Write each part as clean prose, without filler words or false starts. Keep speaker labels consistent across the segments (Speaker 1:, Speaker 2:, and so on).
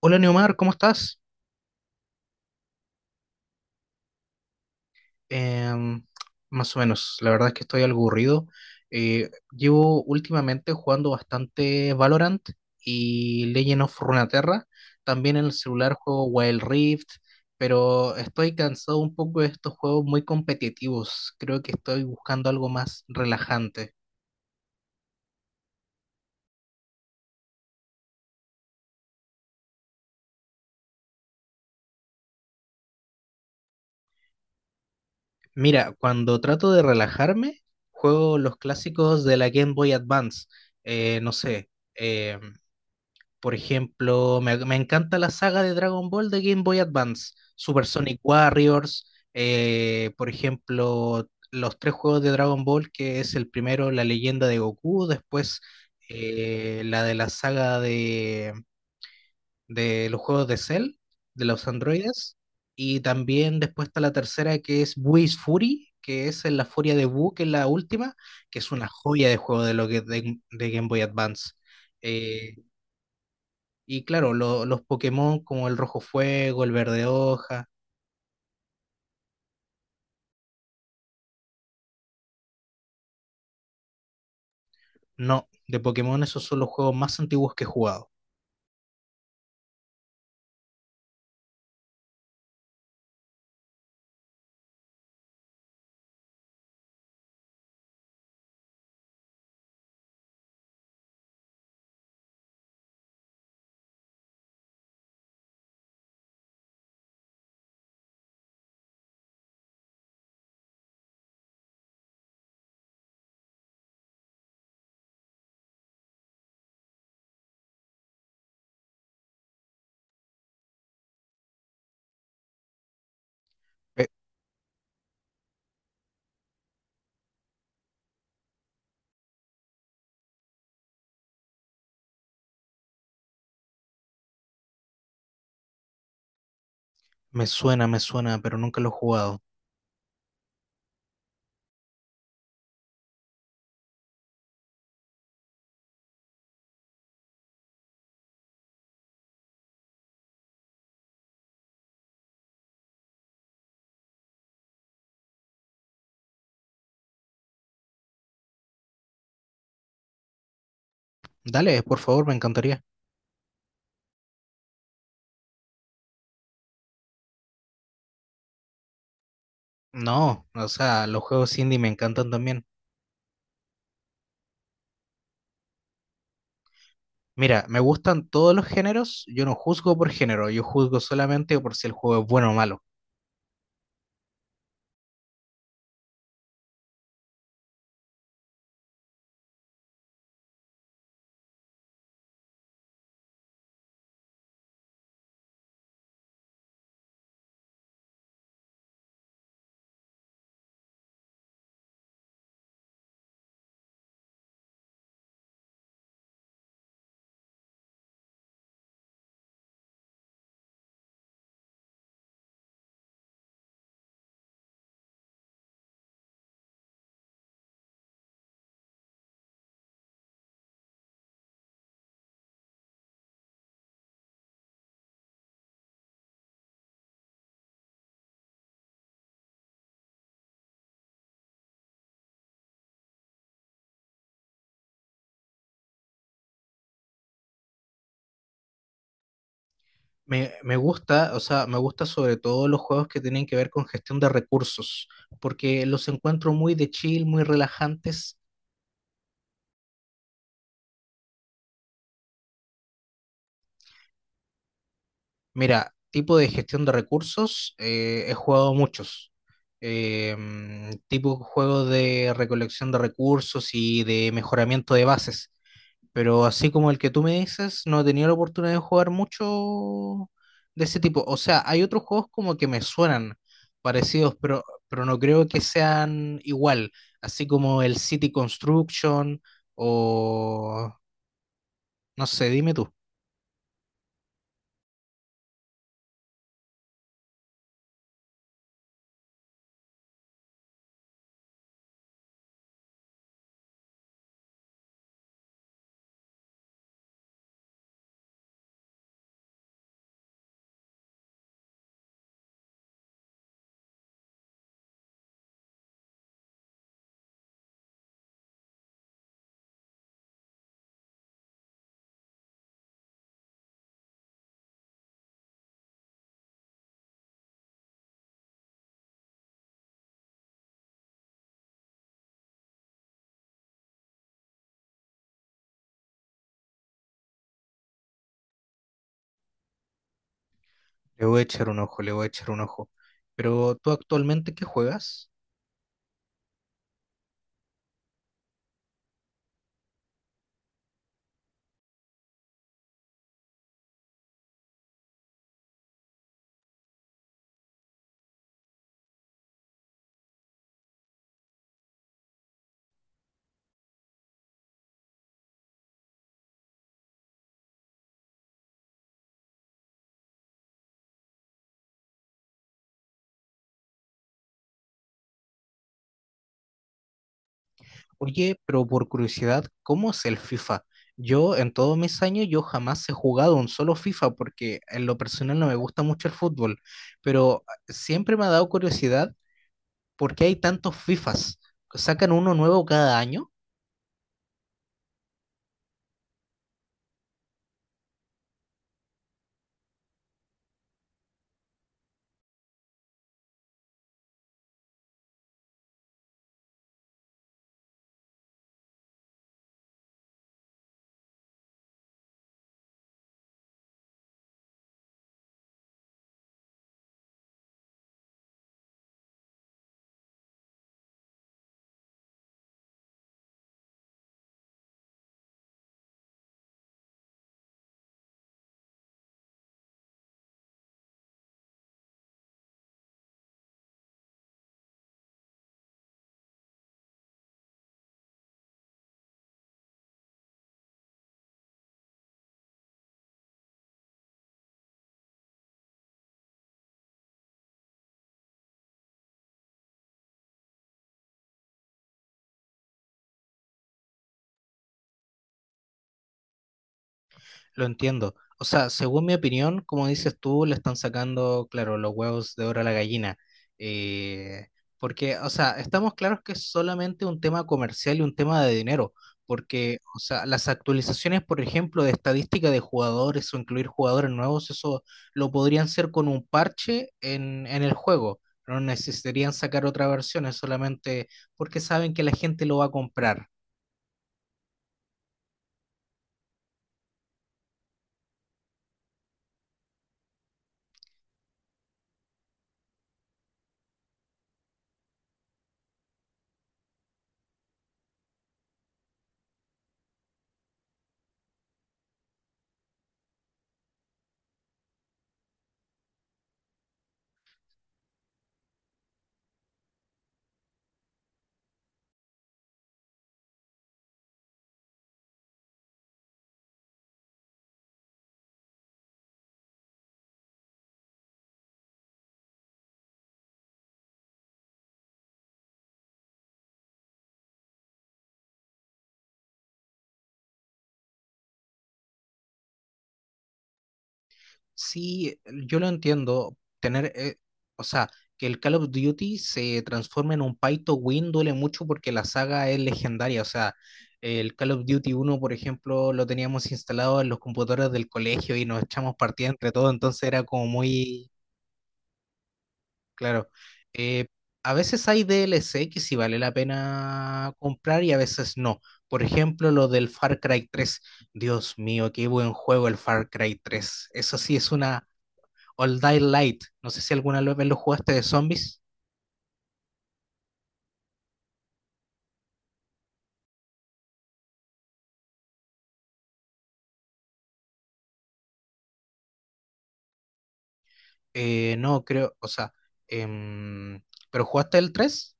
Speaker 1: Hola Neomar, ¿cómo estás? Em, más o menos, la verdad es que estoy algo aburrido. Llevo últimamente jugando bastante Valorant y Legend of Runeterra. También en el celular juego Wild Rift, pero estoy cansado un poco de estos juegos muy competitivos. Creo que estoy buscando algo más relajante. Mira, cuando trato de relajarme, juego los clásicos de la Game Boy Advance. No sé. em, Por ejemplo, me encanta la saga de Dragon Ball de Game Boy Advance, Super Sonic Warriors, por ejemplo, los tres juegos de Dragon Ball, que es el primero, la leyenda de Goku, después la de la saga de los juegos de Cell, de los androides, y también después está la tercera que es Whis Fury, que es en la furia de Buu, que es la última, que es una joya de juego de lo que de Game Boy Advance. Eh, y claro, los Pokémon como el Rojo Fuego, el Verde Hoja. No, de Pokémon esos son los juegos más antiguos que he jugado. Eh, Me suena, me suena, pero nunca los he jugado. Dale, por favor, me encantaría. No, o sea, los juegos indie me encantan también. Mira, me gustan todos los géneros. Yo no juzgo por género, yo juzgo solamente por si el juego es bueno o malo. Me gusta, o sea, me gusta sobre todo los juegos que tienen que ver con gestión de recursos, porque los encuentro muy de chill, muy relajantes. Mira, tipo de gestión de recursos, he jugado muchos. Tipo juegos de recolección de recursos y de mejoramiento de bases. Pero así como el que tú me dices, no he tenido la oportunidad de jugar mucho de ese tipo. O sea, hay otros juegos como que me suenan parecidos, pero no creo que sean igual. Así como el City Construction o... No sé, dime tú. Le voy a echar un ojo, le voy a echar un ojo. Pero tú actualmente, ¿qué juegas? Oye, pero por curiosidad, ¿cómo es el FIFA? Yo en todos mis años yo jamás he jugado un solo FIFA porque en lo personal no me gusta mucho el fútbol, pero siempre me ha dado curiosidad por qué hay tantos FIFAs. ¿Sacan uno nuevo cada año? Lo entiendo. O sea, según mi opinión, como dices tú, le están sacando, claro, los huevos de oro a la gallina. Eh, Porque, o sea, estamos claros que es solamente un tema comercial y un tema de dinero. Porque, o sea, las actualizaciones, por ejemplo, de estadística de jugadores o incluir jugadores nuevos, eso lo podrían hacer con un parche en el juego. No necesitarían sacar otra versión, es solamente porque saben que la gente lo va a comprar. Sí, yo lo entiendo. Tener, o sea, que el Call of Duty se transforme en un pay to win duele mucho porque la saga es legendaria. O sea, el Call of Duty uno por ejemplo, lo teníamos instalado en los computadores del colegio y nos echamos partidas entre todos, entonces era como muy claro. Eh, a veces hay DLC que sí vale la pena comprar y a veces no. Por ejemplo, lo del Far Cry tres. Dios mío, qué buen juego el Far Cry tres. Eso sí es una... All Die Light. No sé si alguna vez lo jugaste de zombies. No, creo, o sea, em, ¿pero jugaste el tres?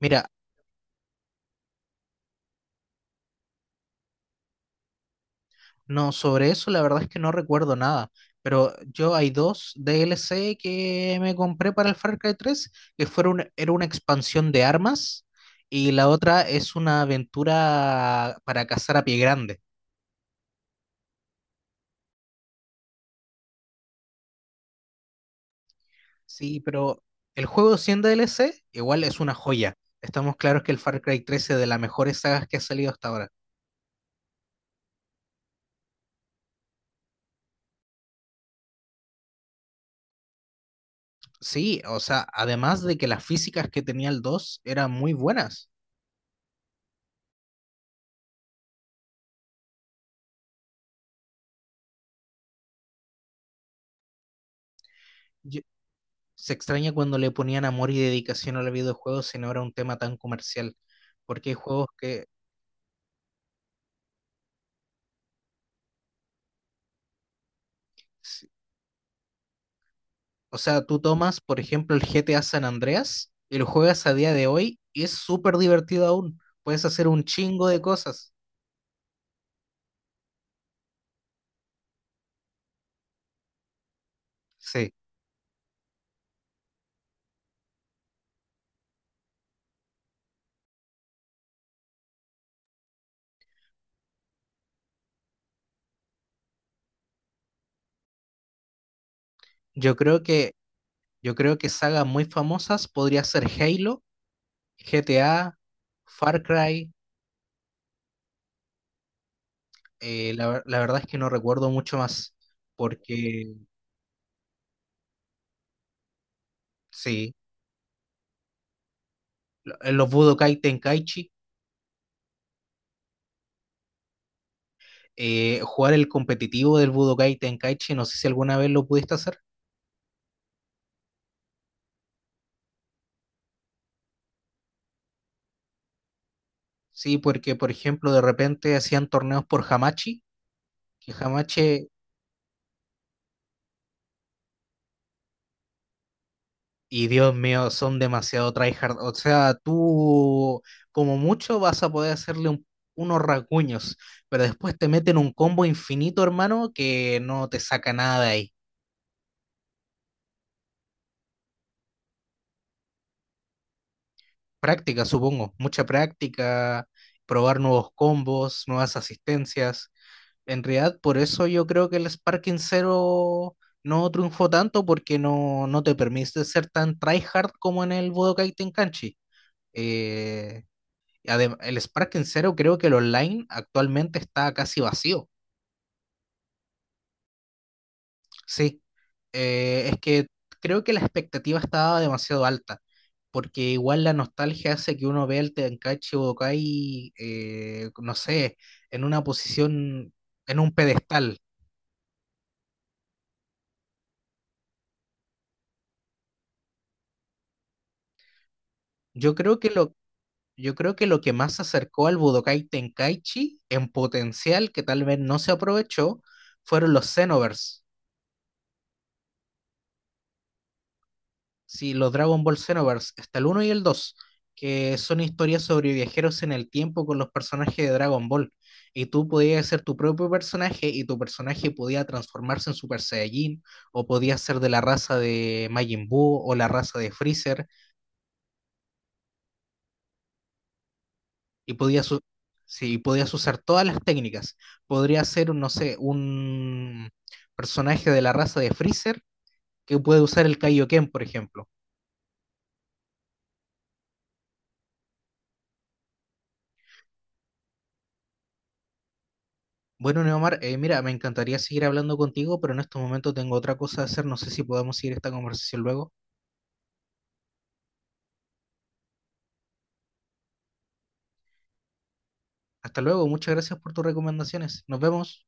Speaker 1: Mira, no, sobre eso la verdad es que no recuerdo nada. Pero yo hay dos DLC que me compré para el Far Cry tres, que fueron, era una expansión de armas y la otra es una aventura para cazar a pie grande. Sí, pero el juego siendo DLC igual es una joya. Estamos claros que el Far Cry tres es de las mejores sagas que ha salido hasta ahora. Sí, o sea, además de que las físicas que tenía el 2 eran muy buenas. Yo- Se extraña cuando le ponían amor y dedicación a los videojuegos si no era un tema tan comercial. Porque hay juegos que, s- o sea, tú tomas, por ejemplo, el GTA San Andreas y lo juegas a día de hoy y es súper divertido aún. Puedes hacer un chingo de cosas. Sí, yo creo que, yo creo que sagas muy famosas podría ser Halo, GTA, Far Cry. La verdad es que no recuerdo mucho más, porque sí, los Budokai Tenkaichi, jugar el competitivo del Budokai Tenkaichi, no sé si alguna vez lo pudiste hacer. Sí, porque por ejemplo de repente hacían torneos por Hamachi, que Hamachi, y Dios mío, son demasiado tryhard. O sea, tú como mucho vas a poder hacerle unos rasguños, pero después te meten un combo infinito, hermano, que no te saca nada de ahí. Práctica, supongo, mucha práctica, probar nuevos combos, nuevas asistencias. En realidad, por eso yo creo que el Sparking Zero no triunfó tanto porque no, no te permite ser tan tryhard como en el Budokai Tenkaichi. Eh, el Sparking Zero creo que el online actualmente está casi vacío. Sí. Es que creo que la expectativa estaba demasiado alta, porque igual la nostalgia hace que uno vea al Tenkaichi Budokai, no sé, en una posición, en un pedestal. Yo creo que lo, yo creo que lo que más se acercó al Budokai Tenkaichi en potencial, que tal vez no se aprovechó, fueron los Xenoverse. Sí, los Dragon Ball Xenoverse, está el uno y el 2 que son historias sobre viajeros en el tiempo con los personajes de Dragon Ball. Y tú podías ser tu propio personaje y tu personaje podía transformarse en Super Saiyajin o podía ser de la raza de Majin Buu o la raza de Freezer y podías, sí, podías usar todas las técnicas. Podría ser, no sé, un personaje de la raza de Freezer que puede usar el Kaioken, por ejemplo. Bueno, Neomar, mira, me encantaría seguir hablando contigo, pero en estos momentos tengo otra cosa que hacer. No sé si podemos seguir esta conversación luego. Hasta luego, muchas gracias por tus recomendaciones. Nos vemos.